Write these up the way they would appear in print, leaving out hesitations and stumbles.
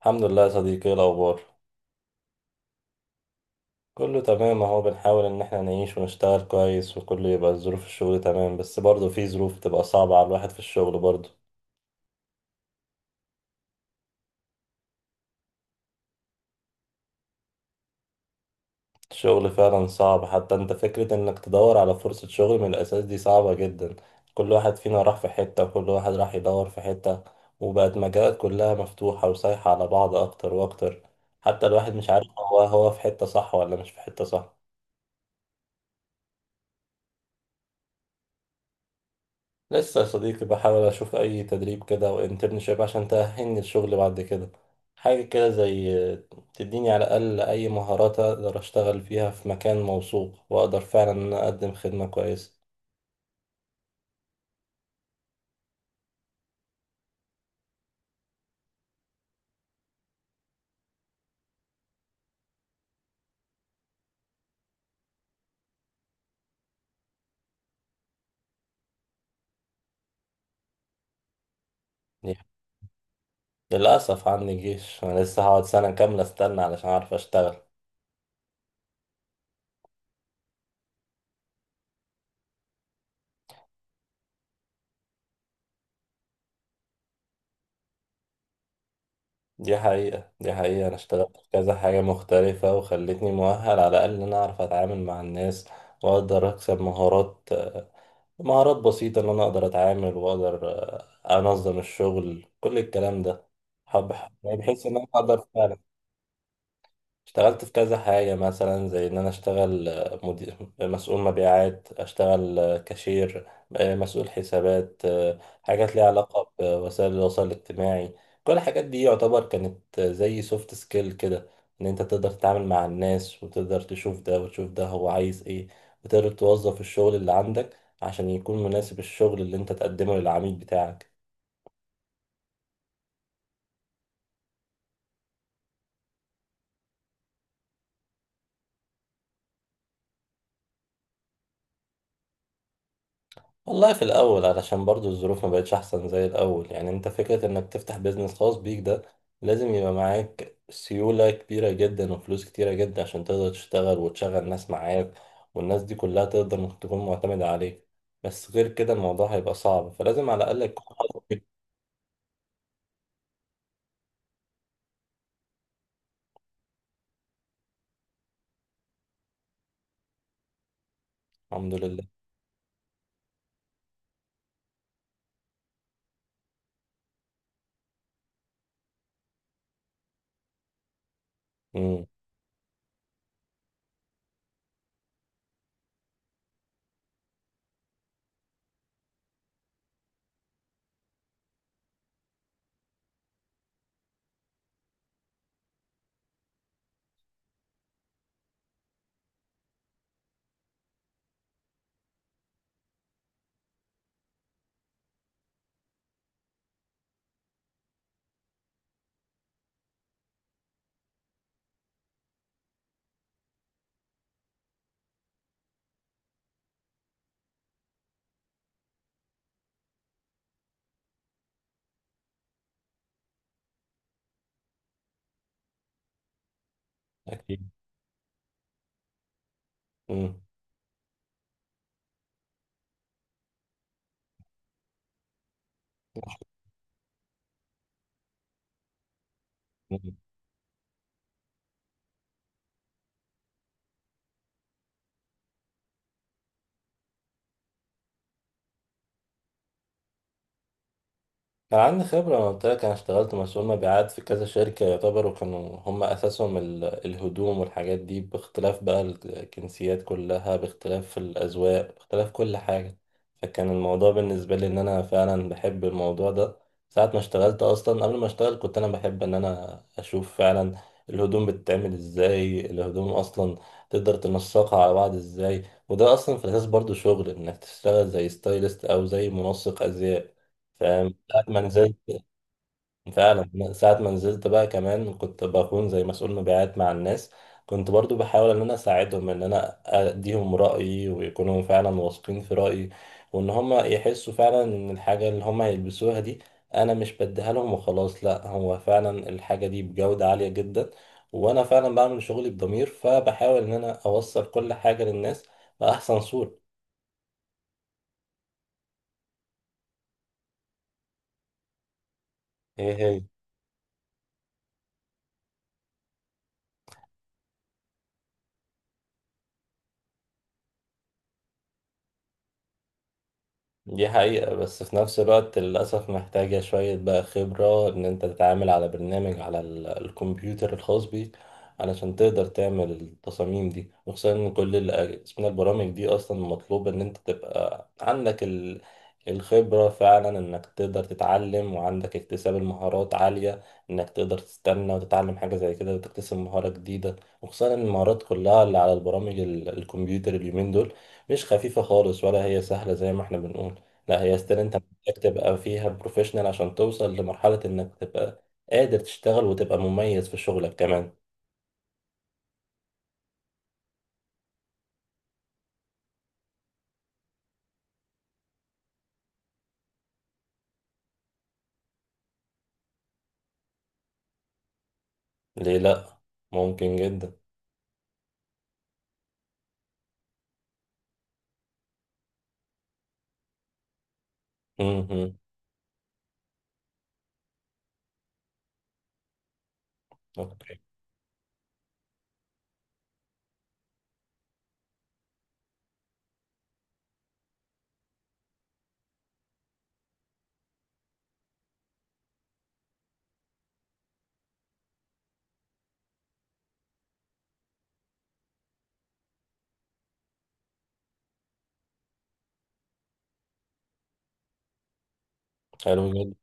الحمد لله يا صديقي، ايه الاخبار؟ كله تمام اهو، بنحاول ان احنا نعيش ونشتغل كويس وكله يبقى ظروف الشغل تمام، بس برضه في ظروف بتبقى صعبة على الواحد في الشغل برضه. الشغل فعلا صعب، حتى انت فكرة انك تدور على فرصة شغل من الاساس دي صعبة جدا. كل واحد فينا راح في حتة وكل واحد راح يدور في حتة، وبقت مجالات كلها مفتوحة وسايحة على بعض اكتر واكتر. حتى الواحد مش عارف هو في حتة صح ولا مش في حتة صح. لسه يا صديقي بحاول أشوف أي تدريب كده أو انترنشيب عشان تأهلني الشغل بعد كده، حاجة كده زي تديني على الأقل أي مهارات أقدر أشتغل فيها في مكان موثوق، وأقدر فعلا إن أنا أقدم خدمة كويسة. دي للأسف عندي جيش، أنا لسه هقعد سنة كاملة أستنى علشان أعرف أشتغل. دي حقيقة، أنا اشتغلت في كذا حاجة مختلفة، وخلتني مؤهل على الأقل إن أنا أعرف أتعامل مع الناس وأقدر أكسب مهارات، مهارات بسيطة إن أنا أقدر أتعامل وأقدر أنظم الشغل كل الكلام ده. حب بحيث إن أنا أقدر فعلا. اشتغلت في كذا حاجة، مثلا زي إن أنا أشتغل مدير مسؤول مبيعات، أشتغل كاشير، مسؤول حسابات، حاجات ليها علاقة بوسائل التواصل الاجتماعي. كل الحاجات دي يعتبر كانت زي سوفت سكيل كده، إن أنت تقدر تتعامل مع الناس وتقدر تشوف ده وتشوف ده هو عايز إيه، وتقدر توظف الشغل اللي عندك عشان يكون مناسب الشغل اللي أنت تقدمه للعميل بتاعك. والله في الأول، علشان برضو الظروف ما بقتش أحسن زي الأول، يعني أنت فكرة إنك تفتح بيزنس خاص بيك ده لازم يبقى معاك سيولة كبيرة جدا وفلوس كتيرة جدا عشان تقدر تشتغل وتشغل ناس معاك، والناس دي كلها تقدر إنك تكون معتمدة عليك. بس غير كده الموضوع هيبقى صعب، فلازم على الأقل يكون حظك. الحمد لله. امم. أكيد. امم. امم. كان عندي خبرة، أنا قلت لك أنا اشتغلت مسؤول مبيعات في كذا شركة يعتبروا كانوا هم أساسهم الهدوم والحاجات دي، باختلاف بقى الجنسيات كلها، باختلاف الأذواق، باختلاف كل حاجة. فكان الموضوع بالنسبة لي إن أنا فعلا بحب الموضوع ده. ساعة ما اشتغلت أصلا، قبل ما اشتغل كنت أنا بحب إن أنا أشوف فعلا الهدوم بتتعمل إزاي، الهدوم أصلا تقدر تنسقها على بعض إزاي. وده أصلا في الأساس برضو شغل، إنك تشتغل زي ستايلست أو زي منسق أزياء. فاهم؟ ساعة ما نزلت فعلا من ساعة ما نزلت بقى كمان كنت بكون زي مسؤول مبيعات مع الناس. كنت برضو بحاول ان انا اساعدهم، ان انا اديهم رأيي ويكونوا فعلا واثقين في رأيي، وان هم يحسوا فعلا ان الحاجة اللي هم هيلبسوها دي انا مش بديها لهم وخلاص، لا هو فعلا الحاجة دي بجودة عالية جدا، وانا فعلا بعمل شغلي بضمير، فبحاول ان انا اوصل كل حاجة للناس بأحسن صورة. ايه هي؟ دي حقيقة، بس في نفس الوقت للأسف محتاجة شوية بقى خبرة إن أنت تتعامل على برنامج، على الكمبيوتر الخاص بيك، علشان تقدر تعمل التصاميم دي. وخصوصا إن كل اسمها البرامج دي أصلا مطلوب إن أنت تبقى عندك الخبرة فعلا، إنك تقدر تتعلم وعندك اكتساب المهارات عالية، إنك تقدر تستنى وتتعلم حاجة زي كده وتكتسب مهارة جديدة. وخصوصا إن المهارات كلها اللي على البرامج الكمبيوتر اليومين دول مش خفيفة خالص ولا هي سهلة زي ما احنا بنقول، لا هي ستيل انت محتاج تبقى فيها بروفيشنال عشان توصل لمرحلة انك تبقى قادر تشتغل وتبقى مميز في شغلك كمان. ليه لا؟ ممكن جدا. امم. اوكي. حلو جدا.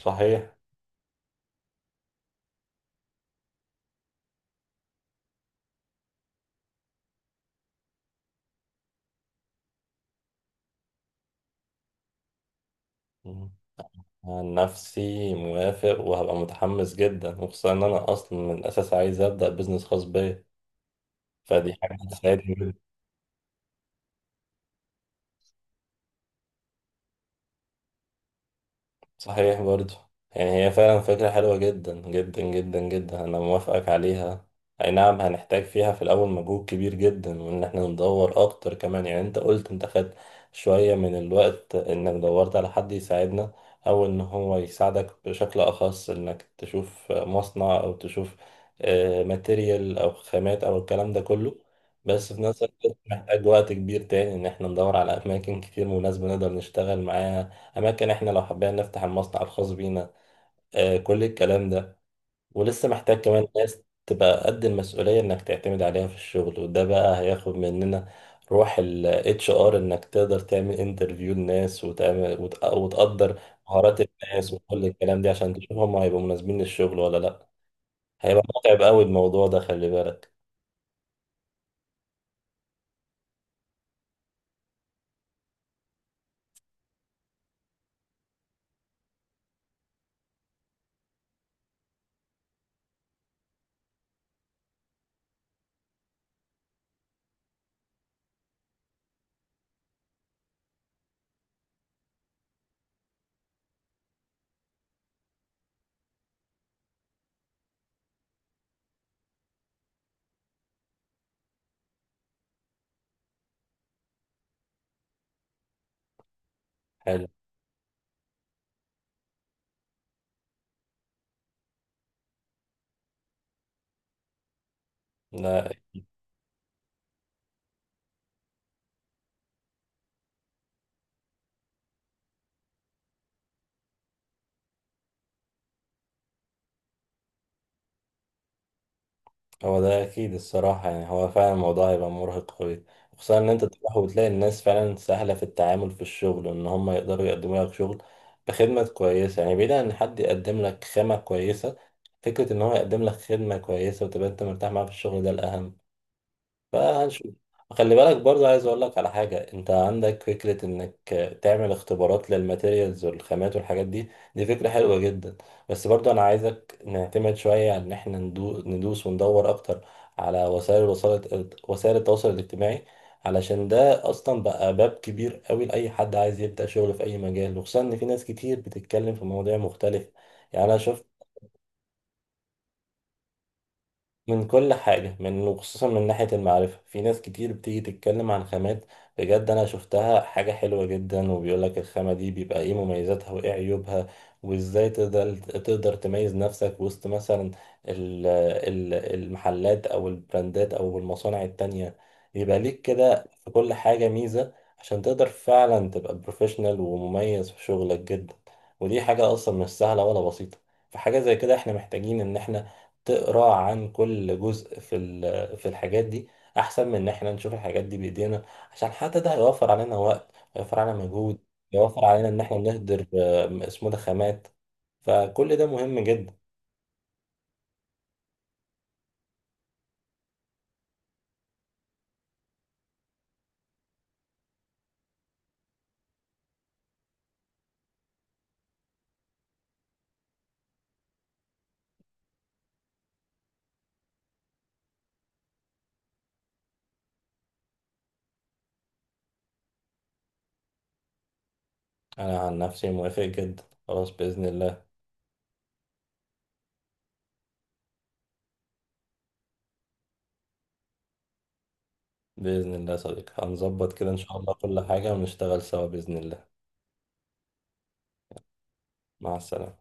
صحيح. مم. عن نفسي موافق وهبقى متحمس جدا، وخصوصا ان انا اصلا من الاساس عايز ابدا بزنس خاص بيا، فدي حاجة هتساعدني. صحيح برضو. يعني هي فعلا فكرة حلوة جدا جدا جدا جدا، أنا موافقك عليها. أي نعم، هنحتاج فيها في الأول مجهود كبير جدا، وإن إحنا ندور أكتر كمان. يعني أنت قلت أنت خدت شوية من الوقت إنك دورت على حد يساعدنا، أو إن هو يساعدك بشكل أخص، إنك تشوف مصنع أو تشوف ماتيريال أو خامات أو الكلام ده كله. بس في نفس الوقت محتاج وقت كبير تاني إن إحنا ندور على أماكن كتير مناسبة نقدر نشتغل معاها، اماكن احنا لو حبينا نفتح المصنع الخاص بينا، آه، كل الكلام ده. ولسه محتاج كمان ناس تبقى قد المسؤولية انك تعتمد عليها في الشغل، وده بقى هياخد مننا روح ال HR، انك تقدر تعمل انترفيو للناس وتعمل وتقدر مهارات الناس وكل الكلام ده عشان تشوف هم هيبقوا مناسبين للشغل ولا لا. هيبقى متعب قوي الموضوع ده، خلي بالك. حلو. لا، هو ده اكيد الصراحه، يعني هو فعلا الموضوع هيبقى مرهق قوي، خصوصا ان انت تروح وتلاقي الناس فعلا سهله في التعامل في الشغل وان هم يقدروا يقدموا لك شغل بخدمه كويسه. يعني بعيد عن ان حد يقدم لك خامه كويسه، فكره ان هو يقدم لك خدمه كويسه وتبقى انت مرتاح معاه في الشغل ده الاهم. فهنشوف. خلي بالك برضه، عايز اقول لك على حاجه، انت عندك فكره انك تعمل اختبارات للماتيريالز والخامات والحاجات دي، دي فكره حلوه جدا. بس برضه انا عايزك نعتمد شويه على ان احنا ندوس وندور اكتر على وسائل وسائل التواصل الاجتماعي، علشان ده اصلا بقى باب كبير قوي لاي حد عايز يبدا شغل في اي مجال. وخصوصا ان في ناس كتير بتتكلم في مواضيع مختلفه. يعني انا شفت من كل حاجة، من وخصوصا من ناحية المعرفة، في ناس كتير بتيجي تتكلم عن خامات بجد، أنا شفتها حاجة حلوة جدا، وبيقولك الخامة دي بيبقى إيه مميزاتها وإيه عيوبها، وإزاي تقدر تميز نفسك وسط مثلا المحلات أو البراندات أو المصانع التانية، يبقى ليك كده في كل حاجة ميزة، عشان تقدر فعلا تبقى بروفيشنال ومميز في شغلك جدا. ودي حاجة أصلا مش سهلة ولا بسيطة، فحاجة زي كده احنا محتاجين ان احنا تقرا عن كل جزء في في الحاجات دي، احسن من ان احنا نشوف الحاجات دي بايدينا، عشان حتى ده هيوفر علينا وقت، هيوفر علينا مجهود، هيوفر علينا ان احنا نهدر اسمه ده خامات. فكل ده مهم جدا. انا عن نفسي موافق جدا، خلاص باذن الله. باذن الله يا صديقي، هنظبط كده ان شاء الله كل حاجه ونشتغل سوا باذن الله. مع السلامه.